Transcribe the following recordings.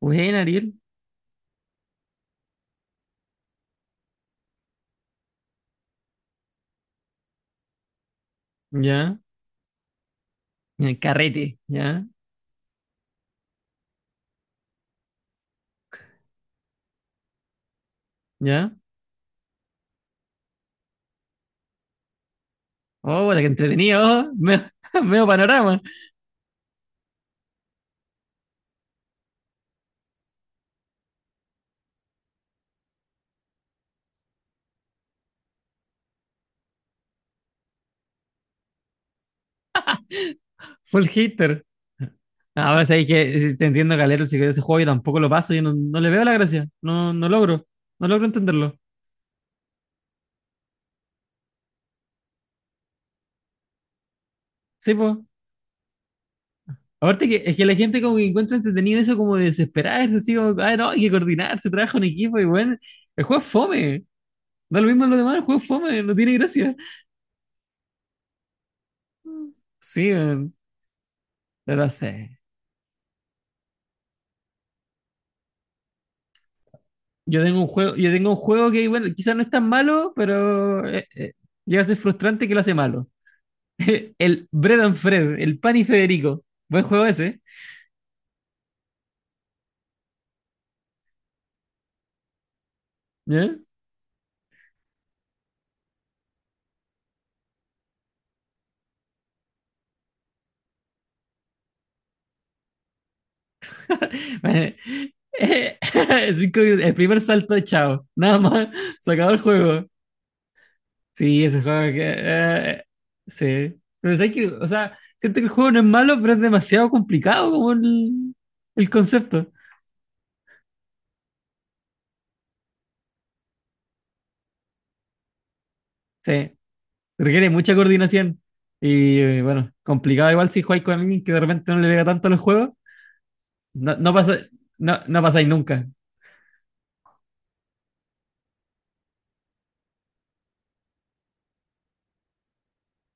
Bueno, Ariel, ya, ya, carrete, ya, ya. Oh, bueno, que entretenido, oh, medio panorama, full hitter. Ahora sabéis que si te entiendo, Calero, si ese juego yo tampoco lo paso, yo no, no le veo la gracia, no logro entenderlo. Sí, pues. Aparte que es que la gente como que encuentra entretenido eso como de desesperarse, así como, ah, no, hay que coordinarse, trabaja un equipo y bueno, el juego es fome, da lo mismo a lo demás, el juego es fome, no tiene gracia. Sí, no lo sé. Yo tengo un juego que, bueno, quizás no es tan malo, pero llega a ser frustrante que lo hace malo. El Bread and Fred, el Pan y Federico. Buen juego ese. ¿Ya? Bueno, eh, 5 minutos, el primer salto de chao. Nada más. Se acabó el juego. Sí, ese juego que. Sí. Pero ¿sabes qué? O sea, siento que el juego no es malo, pero es demasiado complicado como el concepto. Sí. Requiere mucha coordinación. Y bueno, complicado igual si jugáis con alguien que de repente no le pega tanto a los juegos. No, pasa, no pasáis nunca.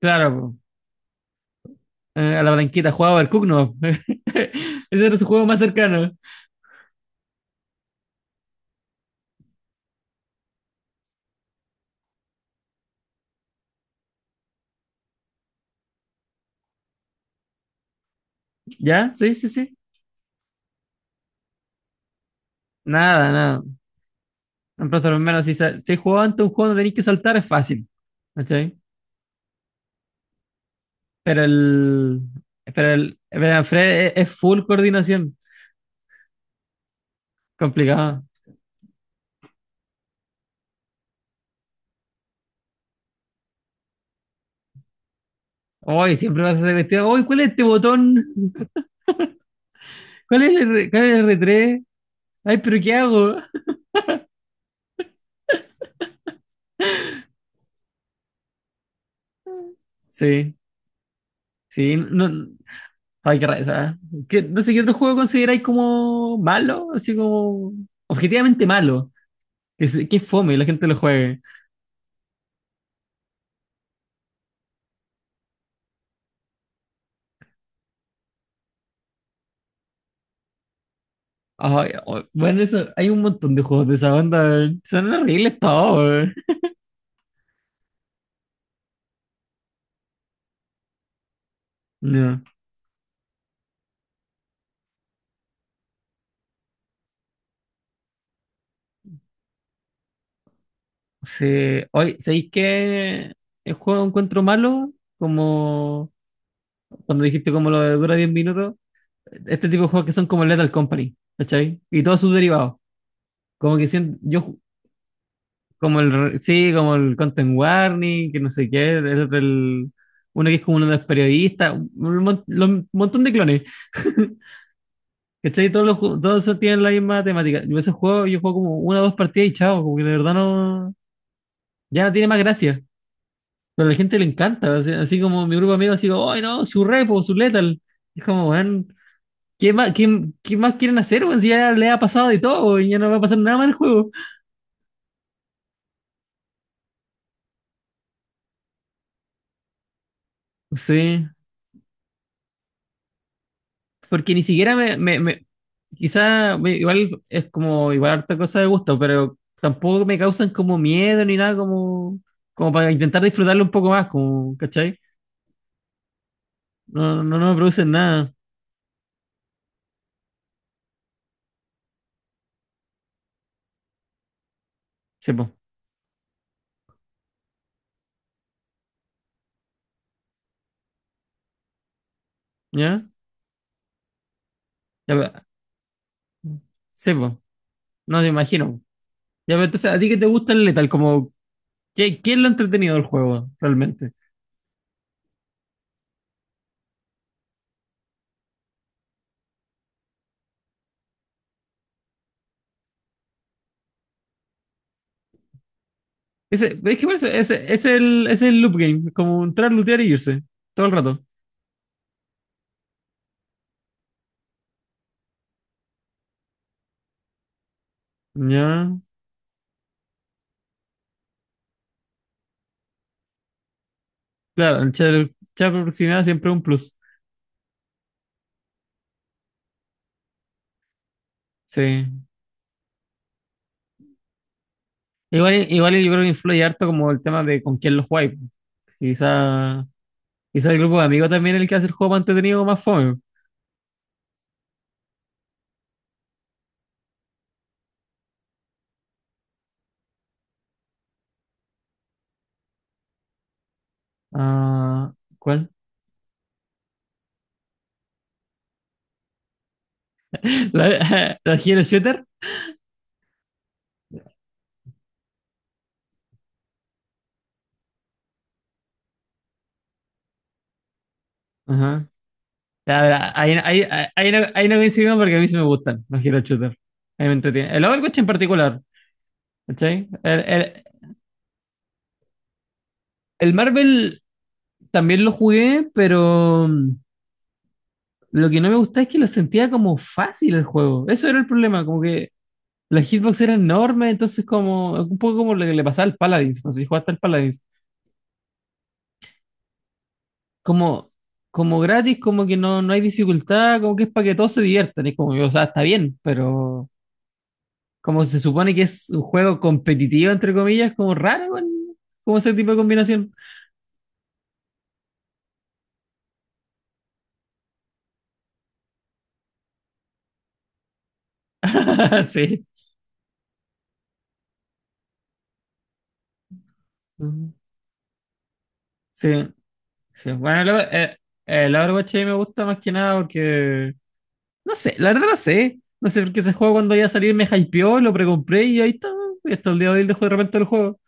Claro, po. A la blanquita jugaba el Cook, no. Ese era su juego más cercano. ¿Ya? Sí, sí, sí. Nada, nada. En Plaza de los menos, si jugado ante un juego no tenéis que saltar, es fácil. ¿Cachai? Pero el. Pero el. Pero Fred es full coordinación. Complicado. Hoy siempre vas a hacer cuestión. Hoy, ¿cuál es este botón? ¿Cuál es el R3? Ay, pero ¿qué hago? Sí, sí, no, ay, qué reza. No sé qué otro juego consideráis como malo, así como objetivamente malo. Que fome la gente lo juegue. Ay, oh, bueno, eso, hay un montón de juegos de esa onda, weón. Son horribles todos, weón. No, sí. Hoy, ¿sabéis qué el juego encuentro malo? Como cuando dijiste como lo de dura 10 minutos. Este tipo de juegos que son como Lethal Company, ¿cachai? Y todos sus derivados. Como que siento, Como el, sí, como el Content Warning, que no sé qué, uno que es como uno de los periodistas, un montón de clones, ¿cachai? Todos esos tienen la misma temática. Yo esos juegos, yo juego como una o dos partidas y chao, como que de verdad no, ya no tiene más gracia. Pero a la gente le encanta, así como mi grupo de amigos, así como, ¡ay no! Su repo, su letal. Es como, weón, ¿qué más, qué más quieren hacer, weón? Si ya le ha pasado de todo, y ya no va a pasar nada más en el juego. Sí. Porque ni siquiera quizá, igual es como, igual harta cosa de gusto, pero tampoco me causan como miedo ni nada, como, para intentar disfrutarlo un poco más, como, ¿cachai? No, no, no me producen nada, sepo, ¿ya? Ya, sepo, no te imagino. Ya, pero entonces, ¿a ti qué te gusta el Lethal? Como, ¿qué es lo entretenido del juego, realmente? Ese, es que por eso, ese es el loop game, es como entrar, lootear y irse, todo el rato, ¿ya? Claro, el chat por proximidad siempre es un plus, sí. Igual yo creo que influye harto como el tema de con quién lo jugáis. Quizá, quizá el grupo de amigos también es el que hace el juego más entretenido o más fome. Ah, ¿cuál? ¿La, la Hero Shooter? Ajá. Ya, verá, ahí no coincidimos porque a mí sí me gustan los Hero Shooter. A mí me entretienen. El Overwatch en particular, ¿cachai? El Marvel también lo jugué, pero lo que no me gusta es que lo sentía como fácil el juego. Eso era el problema, como que la hitbox era enorme, entonces como un poco como lo que le pasaba al Paladins, no sé si jugaste al Paladins, como, como gratis, como que no hay dificultad, como que es para que todos se diviertan, es como, o sea, está bien, pero como se supone que es un juego competitivo, entre comillas, como raro, bueno, como ese tipo de combinación. Sí. Ujú. Sí, sí. Bueno, el Overwatch a mí me gusta más que nada porque, no sé, la verdad no sé, porque ese juego cuando iba a salir me hypeó, lo precompré y ahí está, y hasta el día de hoy dejo de repente el juego.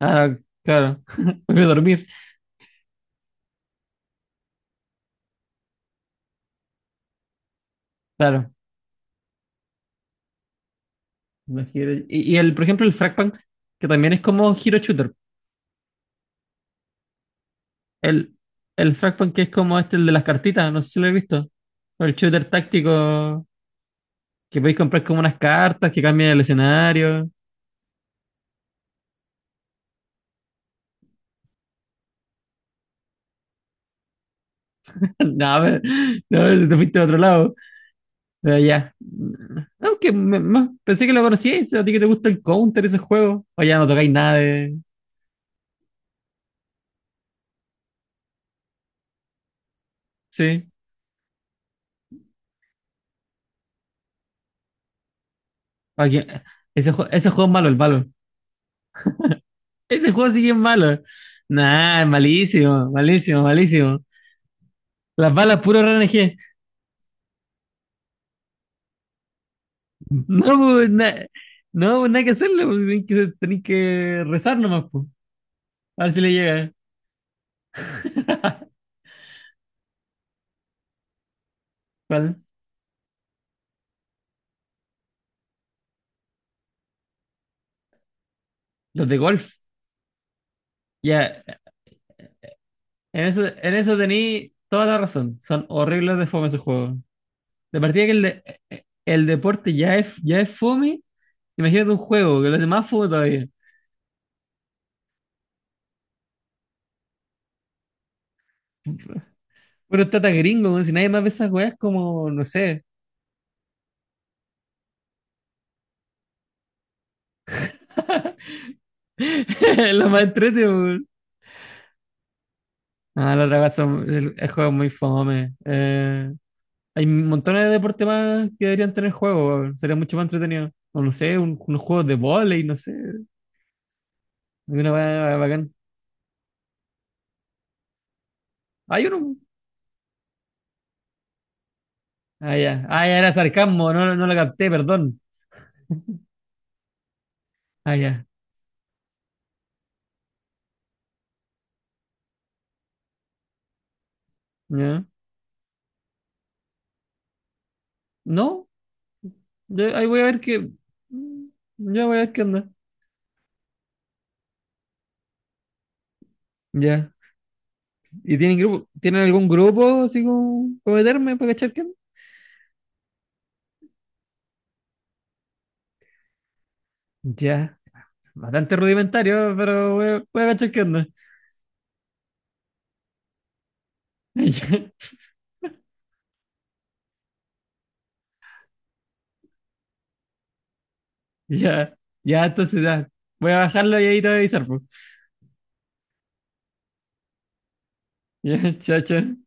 Ah, claro. Voy a dormir. Claro. Y, el, por ejemplo, el Fragpunk, que también es como Hero Shooter. El, el Fragpunk que es como este, el de las cartitas, no sé si lo he visto. O el shooter táctico, que podéis comprar como unas cartas que cambian el escenario. No, a ver, no, te fuiste a otro lado. Pero ya. Aunque pensé que lo conocíais, si a ti que te gusta el Counter, ese juego. O ya no tocáis nada de. Sí. Oye, ese juego es malo, el malo. Ese juego sigue malo. Nah, malísimo, malísimo, malísimo. Las balas puro RNG. No, pues, no, pues, nada que hacerle, pues, tenés que rezar nomás, pues. A ver si le llega. ¿Cuál? Los de golf. Ya, en eso tení toda la razón. Son horribles de fome esos juegos. De partida que el deporte ya es fome, imagínate un juego que lo hace más fome todavía. Puro tata gringo, weón, si nadie más ve esas weas como, no sé, lo más entrete, weón. Ah, la otra cosa, el juego es muy fome. Hay montones de deportes más que deberían tener juegos, weón, sería mucho más entretenido. O no sé, unos juegos de vóley, no sé, una weá bacán. Hay uno. Ah, ya. Ah, ya era sarcasmo, no, no, no lo capté, perdón. Ah, ya. Ya. No, ahí voy a ver qué. mm, Ya voy a ver qué onda. Ya. ¿Y tienen grupo? ¿Tienen algún grupo así como para meterme para cachar qué onda? Ya. Bastante rudimentario, pero voy a cachar qué onda. Ya, ya, entonces ya. Voy a bajarlo y ahí te voy a avisar, pues. Ya, chao, chao.